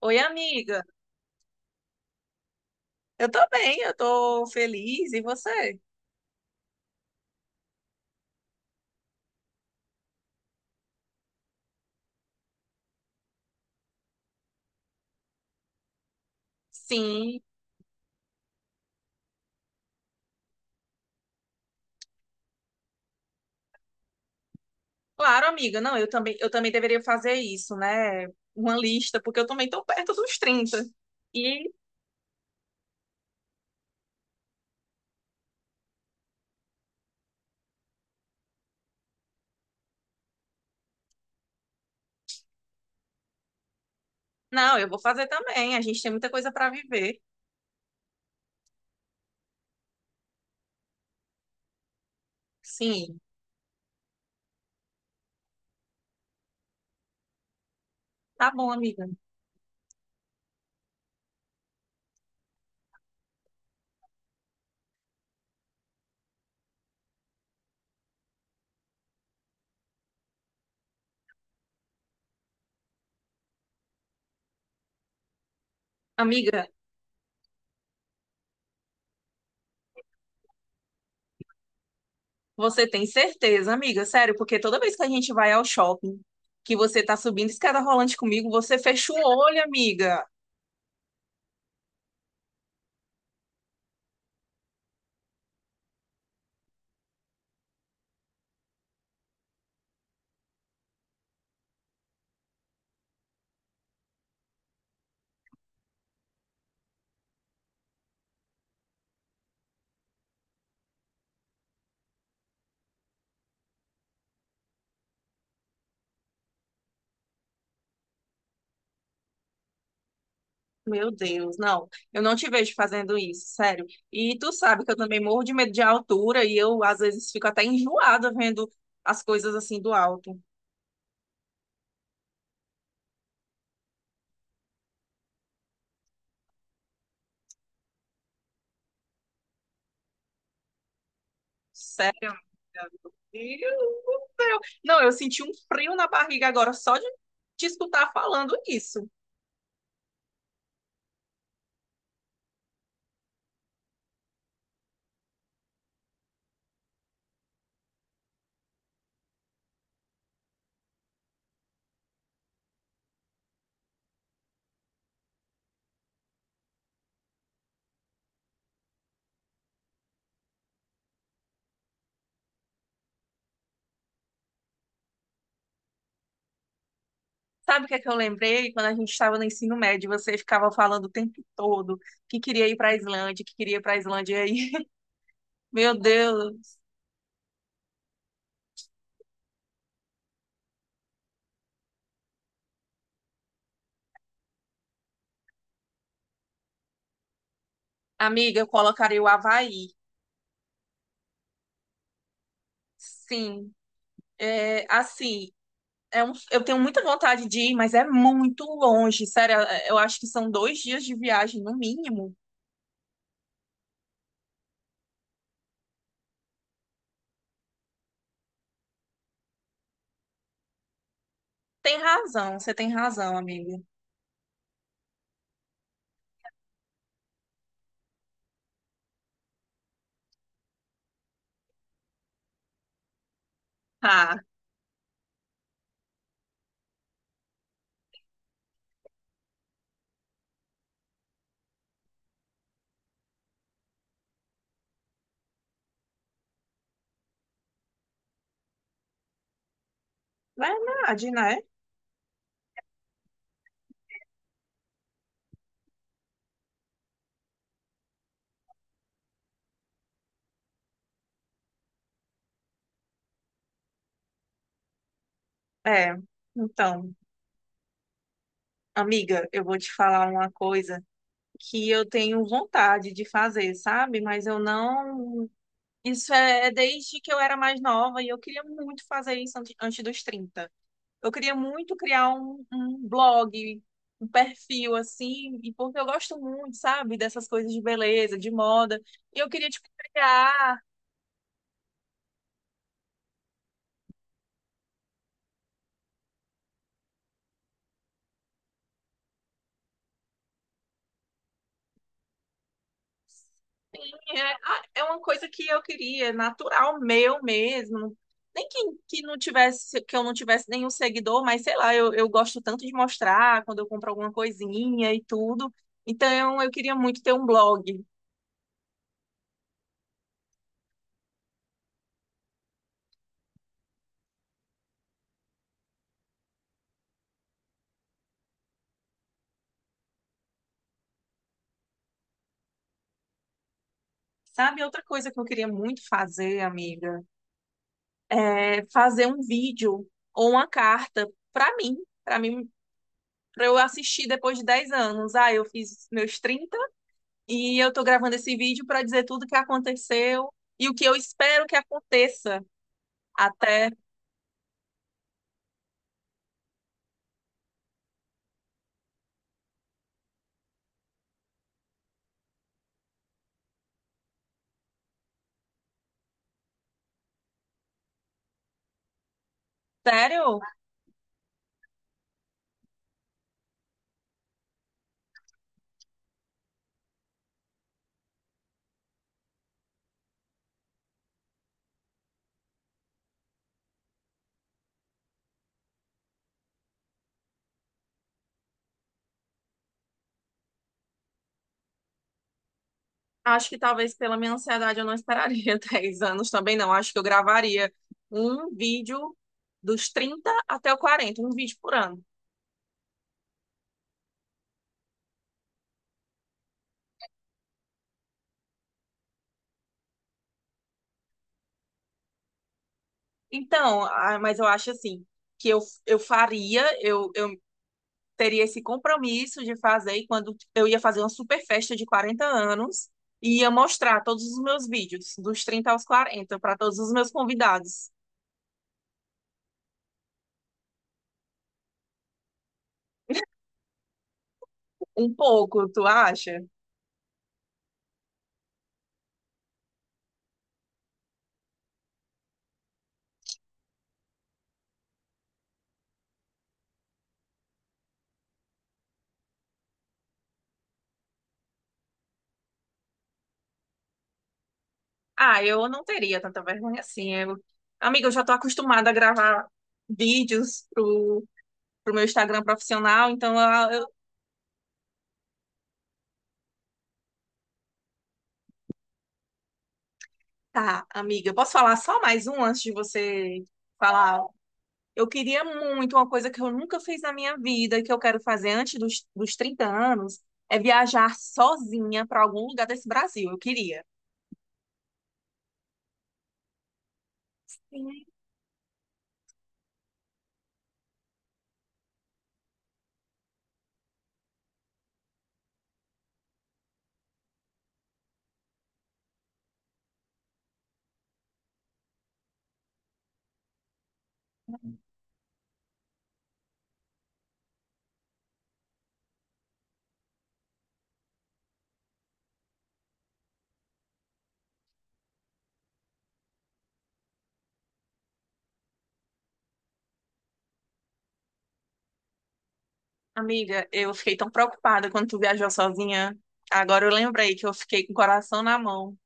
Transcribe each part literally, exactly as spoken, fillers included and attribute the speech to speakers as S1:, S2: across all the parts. S1: Oi, amiga. Eu tô bem, eu tô feliz. E você? Sim, claro, amiga. Não, eu também, eu também deveria fazer isso, né? Uma lista, porque eu também tô perto dos trinta. E não, eu vou fazer também. A gente tem muita coisa para viver. Sim, tá bom, amiga. Amiga, você tem certeza, amiga? Sério, porque toda vez que a gente vai ao shopping, que você tá subindo escada rolante comigo, você fecha o olho, amiga. Meu Deus, não. Eu não te vejo fazendo isso, sério. E tu sabe que eu também morro de medo de altura e eu às vezes fico até enjoada vendo as coisas assim do alto. Sério, amiga. Meu Deus do céu. Não, eu senti um frio na barriga agora só de te escutar falando isso. Sabe o que é que eu lembrei? Quando a gente estava no ensino médio, você ficava falando o tempo todo que queria ir para a Islândia, que queria ir para a Islândia. Aí, meu Deus. Amiga, eu colocaria o Havaí. Sim. É, assim, é um- eu tenho muita vontade de ir, mas é muito longe. Sério, é, eu acho que são dois dias de viagem, no mínimo. Tem razão, você tem razão, amiga. Ah, verdade, né? É. Então, amiga, eu vou te falar uma coisa que eu tenho vontade de fazer, sabe? Mas eu não. Isso é desde que eu era mais nova e eu queria muito fazer isso ante- antes dos trinta. Eu queria muito criar um, um blog, um perfil assim, e porque eu gosto muito, sabe, dessas coisas de beleza, de moda. E eu queria, tipo, criar. É, ah, é uma coisa que eu queria, natural, meu mesmo. Nem que, que não tivesse, que eu não tivesse nenhum seguidor, mas sei lá, eu, eu gosto tanto de mostrar quando eu compro alguma coisinha e tudo. Então, eu queria muito ter um blog. Sabe, outra coisa que eu queria muito fazer, amiga? É, fazer um vídeo ou uma carta para mim, para mim, para eu assistir depois de dez anos. Ah, eu fiz meus trinta e eu tô gravando esse vídeo para dizer tudo que aconteceu e o que eu espero que aconteça até. Sério? Acho que talvez pela minha ansiedade eu não esperaria dez anos também, não. Acho que eu gravaria um vídeo dos trinta até o quarenta, um vídeo por ano. Então, ah, mas eu acho assim, que eu, eu faria, eu, eu teria esse compromisso de fazer e quando eu ia fazer uma super festa de quarenta anos e ia mostrar todos os meus vídeos, dos trinta aos quarenta para todos os meus convidados. Um pouco, tu acha? Ah, eu não teria tanta vergonha assim. Eu... Amiga, eu já tô acostumada a gravar vídeos pro, pro meu Instagram profissional, então eu... eu- Tá, amiga, posso falar só mais um antes de você falar. Eu queria muito, uma coisa que eu nunca fiz na minha vida, e que eu quero fazer antes dos, dos trinta anos, é viajar sozinha para algum lugar desse Brasil. Eu queria. Sim. Amiga, eu fiquei tão preocupada quando tu viajou sozinha. Agora eu lembrei que eu fiquei com o coração na mão.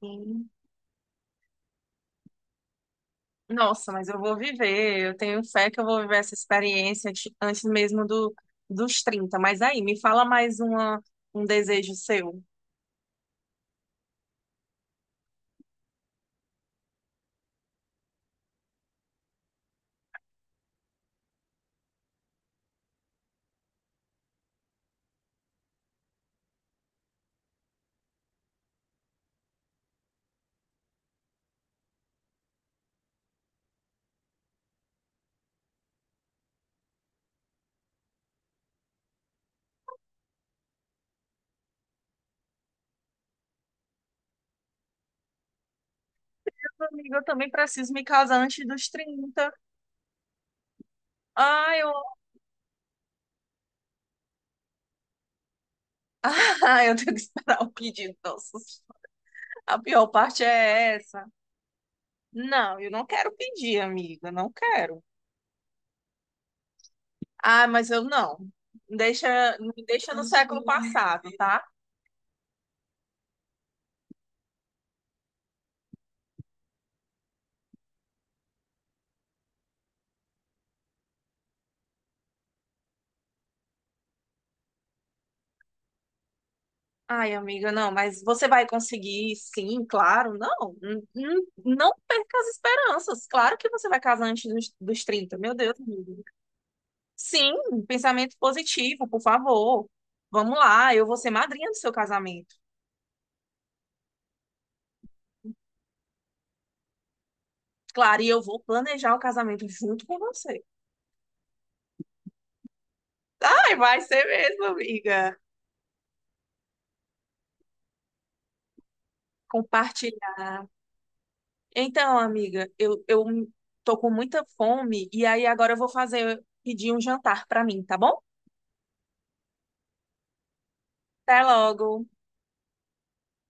S1: Sim. Nossa, mas eu vou viver, eu tenho fé que eu vou viver essa experiência antes antes mesmo do, dos trinta. Mas aí, me fala mais uma, um desejo seu. Amiga, eu também preciso me casar antes dos trinta. Ai, eu... Ah, eu tenho que esperar o pedido. Nossa, a pior parte é essa. Não, eu não quero pedir, amiga, não quero. Ah, mas eu não. Deixa, me deixa no século passado, tá? Ai, amiga, não, mas você vai conseguir, sim, claro. Não, n- n- não perca as esperanças. Claro que você vai casar antes dos, dos trinta, meu Deus, amiga. Sim, pensamento positivo, por favor. Vamos lá, eu vou ser madrinha do seu casamento. Claro, e eu vou planejar o casamento junto com você. Ai, vai ser mesmo, amiga. Compartilhar. Então, amiga, eu, eu tô com muita fome e aí agora eu vou fazer, pedir um jantar pra mim, tá bom? Até logo.